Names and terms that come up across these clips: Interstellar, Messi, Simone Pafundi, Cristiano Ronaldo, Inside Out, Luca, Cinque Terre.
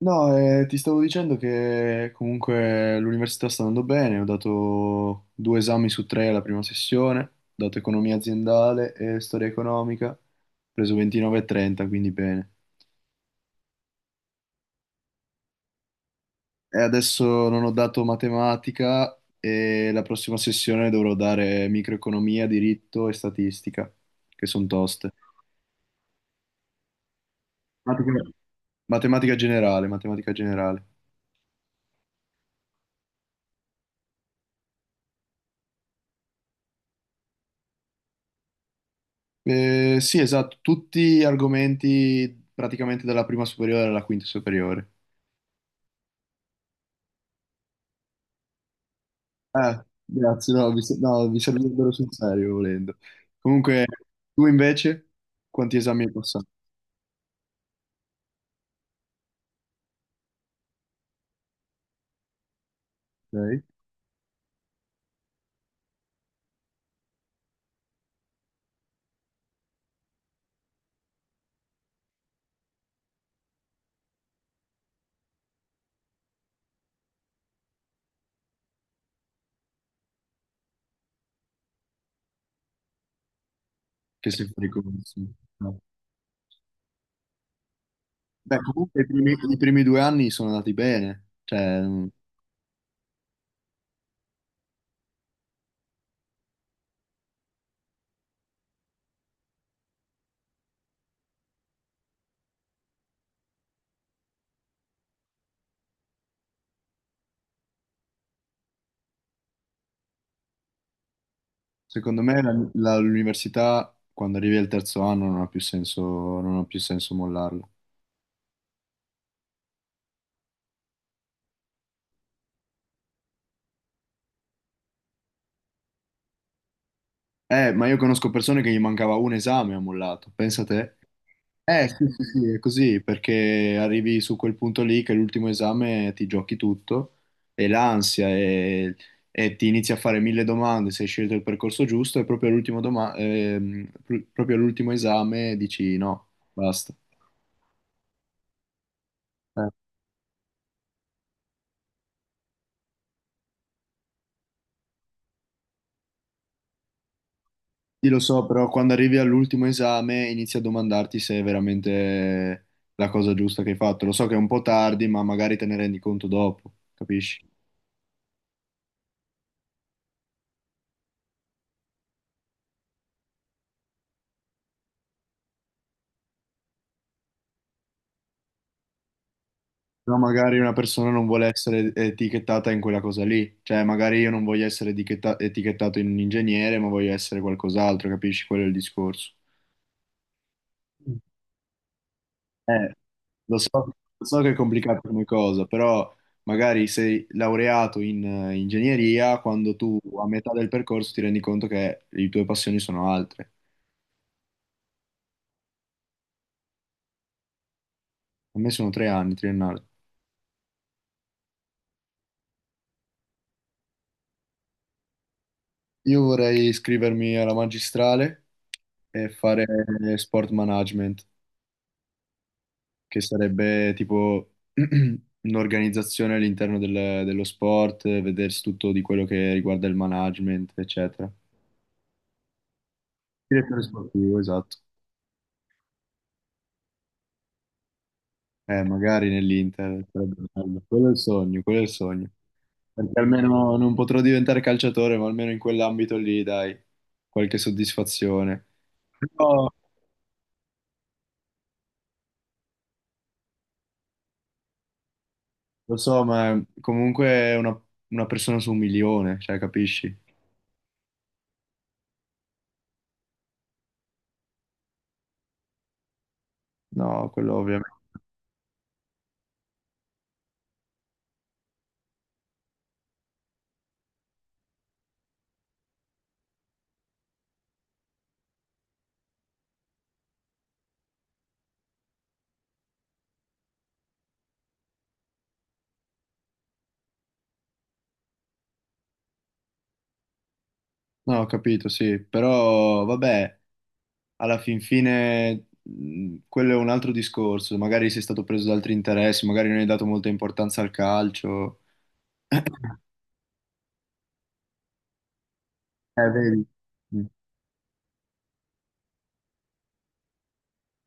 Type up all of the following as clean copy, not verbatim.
No, ti stavo dicendo che comunque l'università sta andando bene. Ho dato due esami su tre alla prima sessione, ho dato economia aziendale e storia economica, ho preso 29 e 30, quindi bene. E adesso non ho dato matematica e la prossima sessione dovrò dare microeconomia, diritto e statistica, che sono toste. Matematica matematica generale, sì, esatto, tutti argomenti praticamente dalla prima superiore alla quinta superiore. Grazie, no, vi servirebbero sul serio volendo. Comunque, tu invece, quanti esami hai passato? Ok? Che sei fuori corso. No. Beh, comunque i primi due anni sono andati bene. Cioè, secondo me l'università, quando arrivi al terzo anno, non ha più senso, non ha più senso mollarlo. Ma io conosco persone che gli mancava un esame e ha mollato. Pensa te. Eh sì, sì, sì, è così, perché arrivi su quel punto lì che è l'ultimo esame ti giochi tutto e l'ansia e ti inizi a fare mille domande se hai scelto il percorso giusto e proprio proprio all'ultimo esame dici no, basta. Eh, Sì, lo so, però quando arrivi all'ultimo esame inizi a domandarti se è veramente la cosa giusta che hai fatto. Lo so che è un po' tardi, ma magari te ne rendi conto dopo, capisci? No, magari una persona non vuole essere etichettata in quella cosa lì, cioè magari io non voglio essere etichettato in un ingegnere, ma voglio essere qualcos'altro, capisci? Quello è il discorso. Eh, lo so, lo so che è complicato come cosa, però magari sei laureato in ingegneria, quando tu a metà del percorso ti rendi conto che le tue passioni sono altre. A me sono 3 anni, triennale. Io vorrei iscrivermi alla magistrale e fare sport management, che sarebbe tipo un'organizzazione dello sport, vedersi tutto di quello che riguarda il management, eccetera. Direttore sportivo, esatto. Magari nell'Inter, sarebbe bello. Quello è il sogno, quello è il sogno. Perché almeno non potrò diventare calciatore, ma almeno in quell'ambito lì, dai, qualche soddisfazione. Però, lo so, ma comunque una persona su un milione, cioè, capisci? No, quello ovviamente. No, ho capito, sì, però vabbè, alla fin fine quello è un altro discorso, magari sei stato preso da altri interessi, magari non hai dato molta importanza al calcio. Vedi? Mm.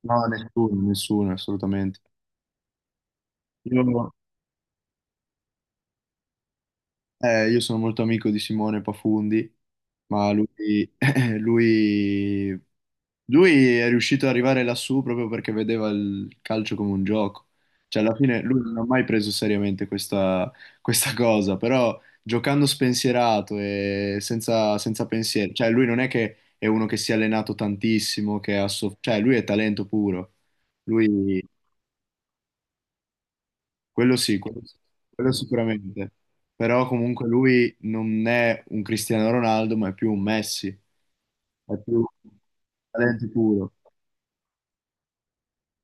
No, nessuno, nessuno, assolutamente. Io eh, io sono molto amico di Simone Pafundi, ma lui, lui, lui è riuscito ad arrivare lassù proprio perché vedeva il calcio come un gioco. Cioè, alla fine lui non ha mai preso seriamente questa cosa, però giocando spensierato e senza pensieri, cioè lui non è che è uno che si è allenato tantissimo, cioè lui è talento puro. Lui quello sì, quello, sì, quello sicuramente. Però comunque lui non è un Cristiano Ronaldo, ma è più un Messi, è più talento puro.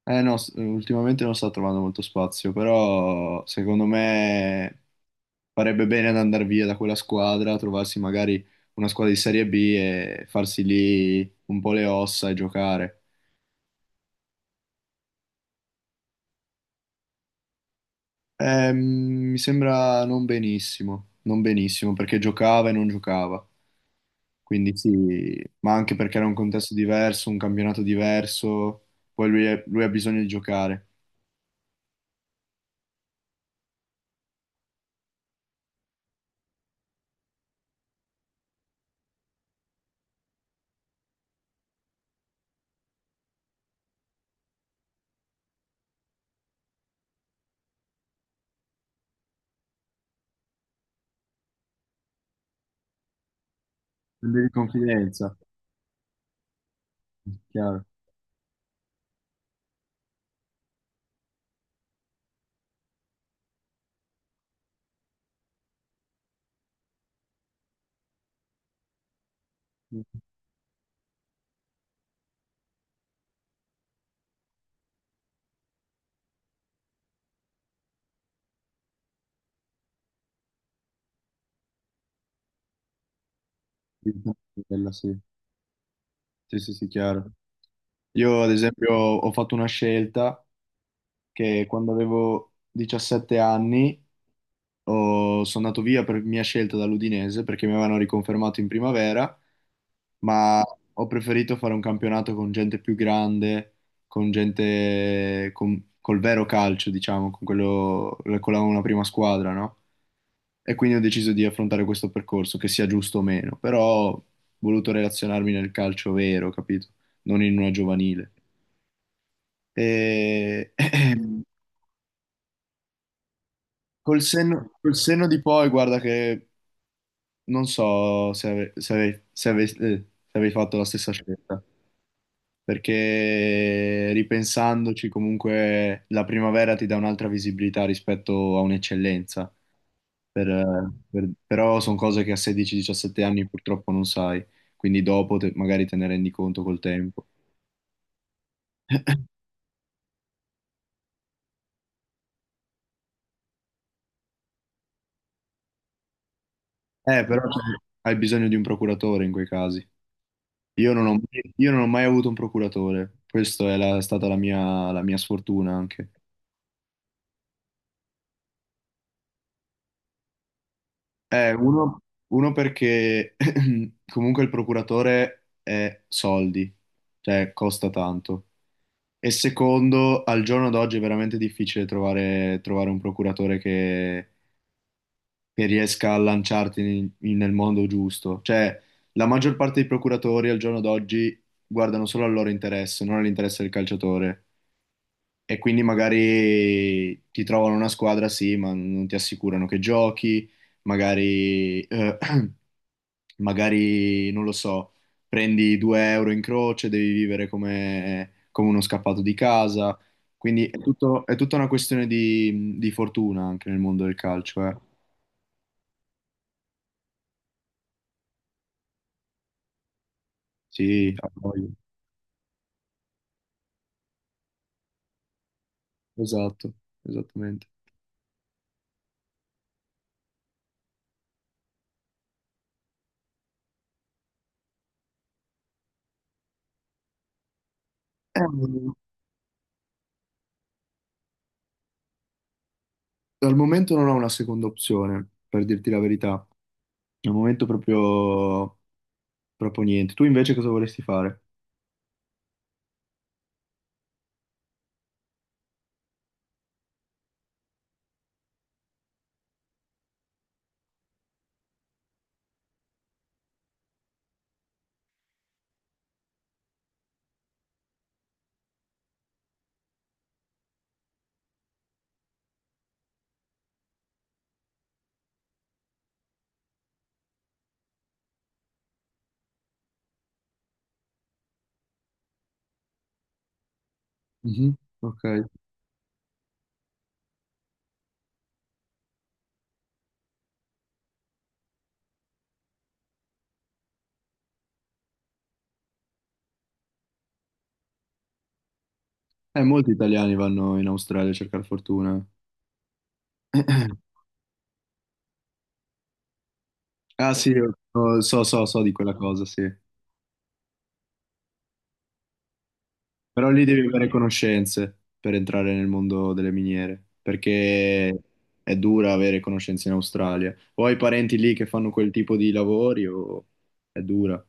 Eh no, ultimamente non sta trovando molto spazio, però secondo me farebbe bene ad andare via da quella squadra, trovarsi magari una squadra di Serie B e farsi lì un po' le ossa e giocare. Ehm, mi sembra non benissimo, non benissimo perché giocava e non giocava. Quindi sì, ma anche perché era un contesto diverso, un campionato diverso, poi lui ha bisogno di giocare. Quindi di confidenza, chiaro. Quella sì. Sì, sì, sì, chiaro. Io ad esempio ho fatto una scelta che quando avevo 17 anni sono andato via per mia scelta dall'Udinese perché mi avevano riconfermato in primavera ma ho preferito fare un campionato con gente più grande, con col vero calcio, diciamo, con quello, una prima squadra, no? E quindi ho deciso di affrontare questo percorso, che sia giusto o meno, però ho voluto relazionarmi nel calcio vero, capito? Non in una giovanile. E... col senno, col senno di poi, guarda che non so se avevi fatto la stessa scelta, perché ripensandoci comunque la primavera ti dà un'altra visibilità rispetto a un'eccellenza. Però sono cose che a 16-17 anni purtroppo non sai, quindi dopo magari te ne rendi conto col tempo. Però cioè, hai bisogno di un procuratore in quei casi. Io non ho, io non ho mai avuto un procuratore, questa è stata la mia sfortuna anche. Eh, uno, uno perché comunque il procuratore è soldi, cioè costa tanto. E secondo, al giorno d'oggi è veramente difficile trovare un procuratore che riesca a lanciarti nel mondo giusto. Cioè, la maggior parte dei procuratori al giorno d'oggi guardano solo al loro interesse, non all'interesse del calciatore. E quindi magari ti trovano una squadra, sì, ma non ti assicurano che giochi magari magari, non lo so, prendi 2 euro in croce, devi vivere come uno scappato di casa. Quindi è è tutta una questione di fortuna anche nel mondo del calcio, eh. Sì, ha voglia. Esatto, esattamente. Al momento non ho una seconda opzione, per dirti la verità. Al momento proprio niente. Tu invece cosa vorresti fare? Mhm. Ok. Molti italiani vanno in Australia a cercare fortuna. Ah eh, sì, io so di quella cosa, sì. Però lì devi avere conoscenze per entrare nel mondo delle miniere, perché è dura avere conoscenze in Australia. O hai parenti lì che fanno quel tipo di lavori o è dura.